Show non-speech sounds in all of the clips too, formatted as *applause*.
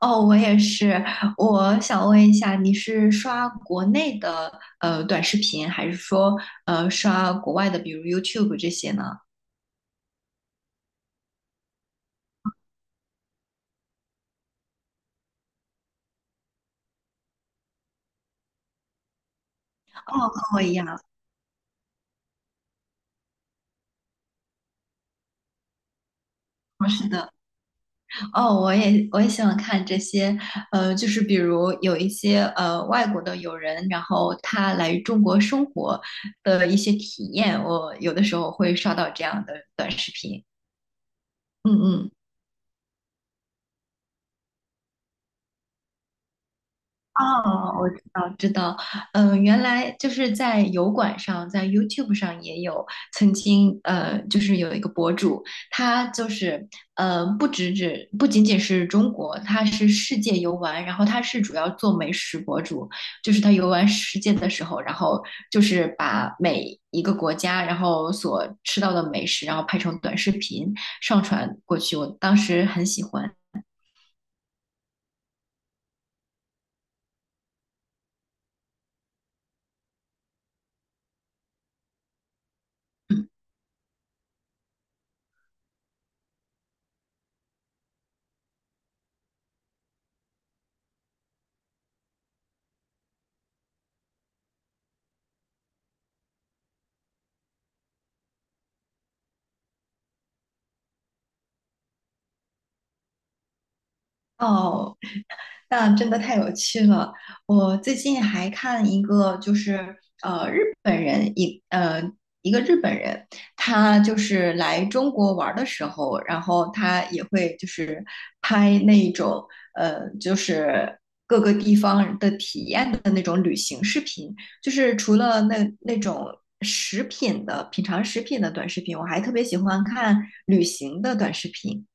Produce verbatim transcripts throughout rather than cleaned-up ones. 哦，我也是。我想问一下，你是刷国内的呃短视频，还是说呃刷国外的，比如 YouTube 这些呢？哦，和我一样。哦，我也我也喜欢看这些，呃，就是比如有一些呃外国的友人，然后他来中国生活的一些体验，我有的时候会刷到这样的短视频。嗯嗯。哦，我知道，知道，嗯、原来就是在油管上，在 YouTube 上也有曾经，呃，就是有一个博主，他就是，呃，不只只不仅仅是中国，他是世界游玩，然后他是主要做美食博主，就是他游玩世界的时候，然后就是把每一个国家，然后所吃到的美食，然后拍成短视频上传过去，我当时很喜欢。嗯，哦，那真的太有趣了。我最近还看一个，就是呃，日本人一呃一个日本人，他就是来中国玩儿的时候，然后他也会就是拍那种呃，就是各个地方的体验的，就是除了那那种食品的品尝食品的短视频，我还特别喜欢看旅行的短视频。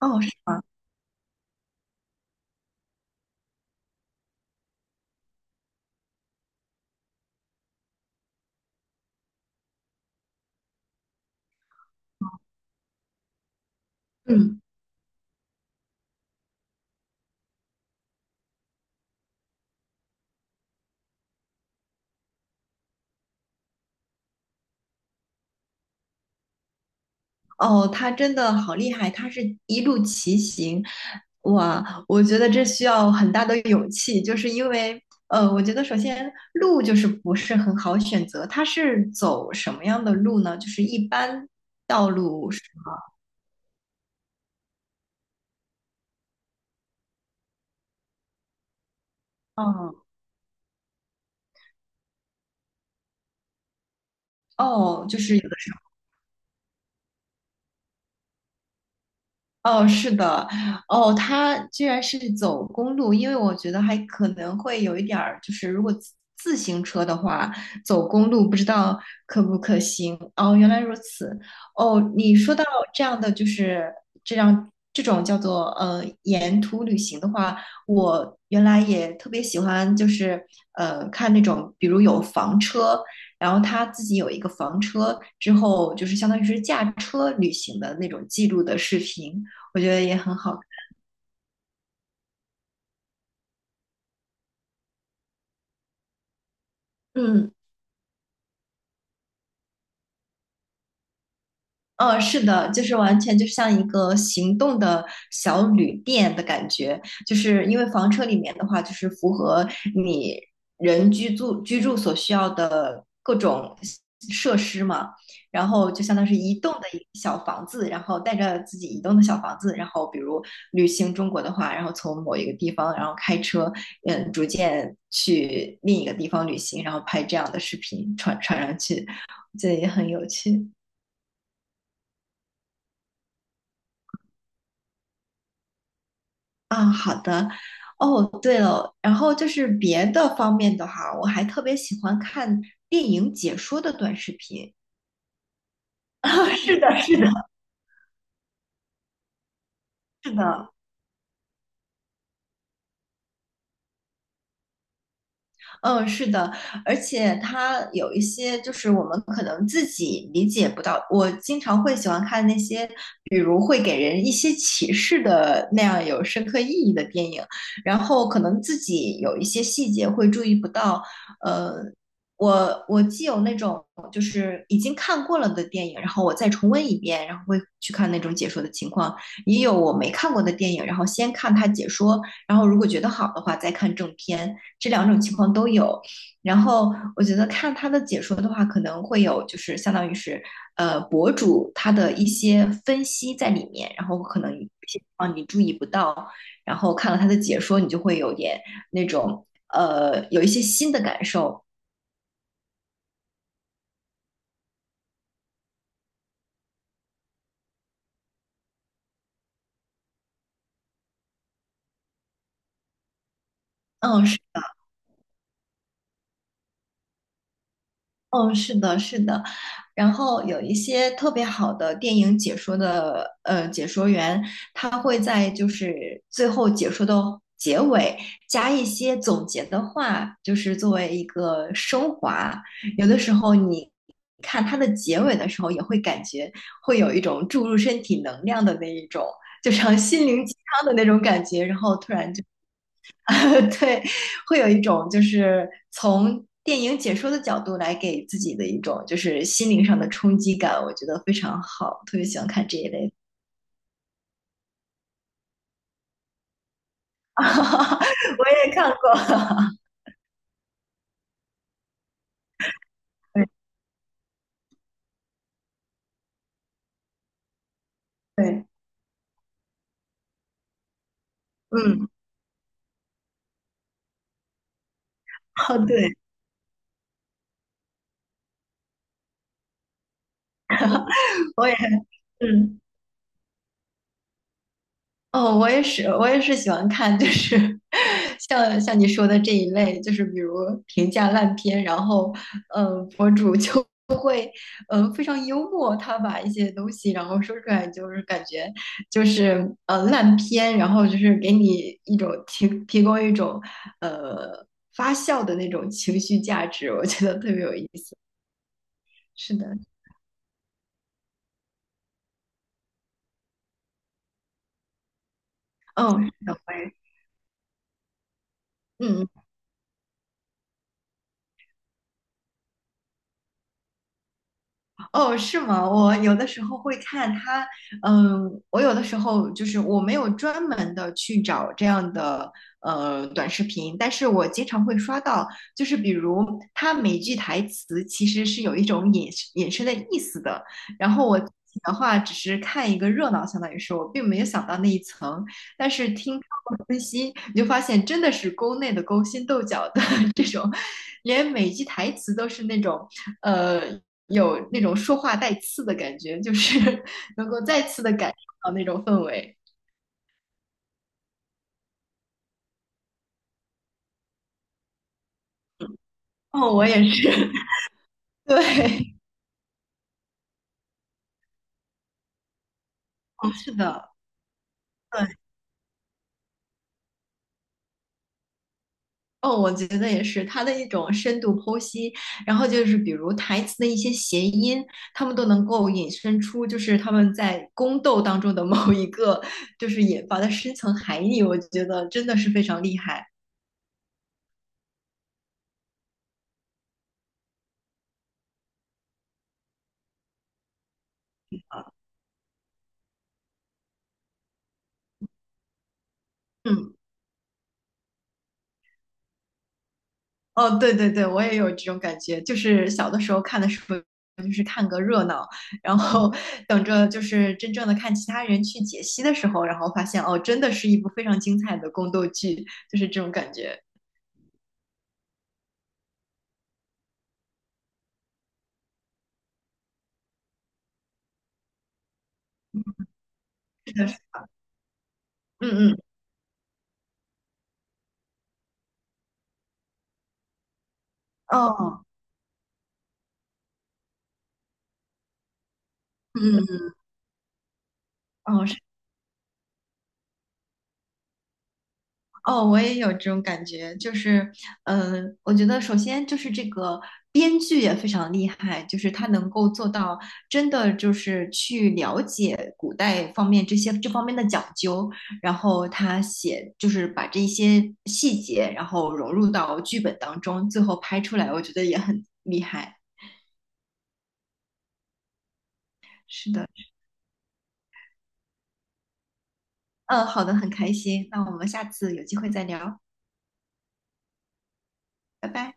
哦，是吗？嗯。哦，他真的好厉害，他是一路骑行，哇，我觉得这需要很大的勇气，就是因为，呃，我觉得首先路就是不是很好选择，他是走什么样的路呢？就是一般道路是吗？哦哦，就是有的。哦，是的，哦，他居然是走公路，因为我觉得还可能会有一点儿，就是如果自自行车的话，走公路不知道可不可行。哦，原来如此。哦，你说到这样的，就是这样这种叫做呃沿途旅行的话，我原来也特别喜欢，就是呃看那种，比如有房车，然后他自己有一个房车，之后就是相当于是驾车旅行的那种记录的视频。我觉得也很好。嗯，嗯，是的，就是完全就像一个行动的小旅店的感觉，就是因为房车里面的话，就是符合你人居住居住所需要的各种设施嘛，然后就相当是移动的一个小房子，然后带着自己移动的小房子，然后比如旅行中国的话，然后从某一个地方，然后开车，嗯，逐渐去另一个地方旅行，然后拍这样的视频传传上去，*laughs* 这也很有趣。啊，好的。哦，对了，然后就是别的方面的话，我还特别喜欢看电影解说的短视频。*laughs* 啊，是的，是的，是的。嗯，是的，而且它有一些就是我们可能自己理解不到。我经常会喜欢看那些，比如会给人一些启示的那样有深刻意义的电影，然后可能自己有一些细节会注意不到。呃，我我既有那种就是已经看过了的电影，然后我再重温一遍，然后会去看那种解说的情况，也有我没看过的电影，然后先看它解说，然后如果觉得好的话再看正片。这两种情况都有。然后我觉得看他的解说的话，可能会有就是相当于是呃博主他的一些分析在里面，然后可能有些地方你注意不到，然后看了他的解说，你就会有点那种呃有一些新的感受。嗯，是嗯，是的，是的，然后有一些特别好的电影解说的呃解说员，他会在就是最后解说的结尾加一些总结的话，就是作为一个升华。有的时候你看它的结尾的时候，也会感觉会有一种注入身体能量的那一种，就像心灵鸡汤的那种感觉，然后突然就。*laughs* 对，会有一种就是从电影解说的角度来给自己的一种就是心灵上的冲击感，我觉得非常好，特别喜欢看这一类的。*laughs* 我也看过，*laughs* 对对，嗯，哦对，我也嗯。哦，我也是，我也是喜欢看，就是 *laughs* 像像你说的这一类，就是比如评价烂片，然后，嗯，博主就呃，非常幽默，他把一些东西然后说出来，就是感觉就是呃烂片，然后就是给你一种提提供一种呃发笑的那种情绪价值，我觉得特别有意思。是的，嗯，是的，我也嗯嗯。哦，是吗？我有的时候会看他，嗯，我有的时候就是我没有专门的去找这样的呃短视频，但是我经常会刷到，就是比如他每句台词其实是有一种隐隐身的意思的，然后我。自己的话只是看一个热闹，相当于是我并没有想到那一层，但是听他们分析，你就发现真的是宫内的勾心斗角的 *laughs* 这种，连每句台词都是那种，呃有那种说话带刺的感觉，就是 *laughs* 能够再次的感受到那种氛围。哦，我也是，*laughs* 对，哦，是的，对，哦，我觉得也是，他的一种深度剖析，然后就是比如台词的一些谐音，他们都能够引申出，就是他们在宫斗当中的某一个，就是引发的深层含义，我觉得真的是非常厉害。嗯。哦，对对对，我也有这种感觉，就是小的时候看的时候，就是看个热闹，然后 *laughs* 等着就是真正的看其他人去解析的时候，然后发现哦，真的是一部非常精彩的宫斗剧，就是这种感觉。是的，是嗯嗯，哦，嗯嗯，哦，嗯嗯哦，我也有这种感觉，就是，嗯，我觉得首先就是这个编剧也非常厉害，就是他能够做到真的就是去了解古代方面这些这方面的讲究，然后他写就是把这一些细节，然后融入到剧本当中，最后拍出来，我觉得也很厉害。是的，嗯，好的，很开心，那我们下次有机会再聊，拜拜。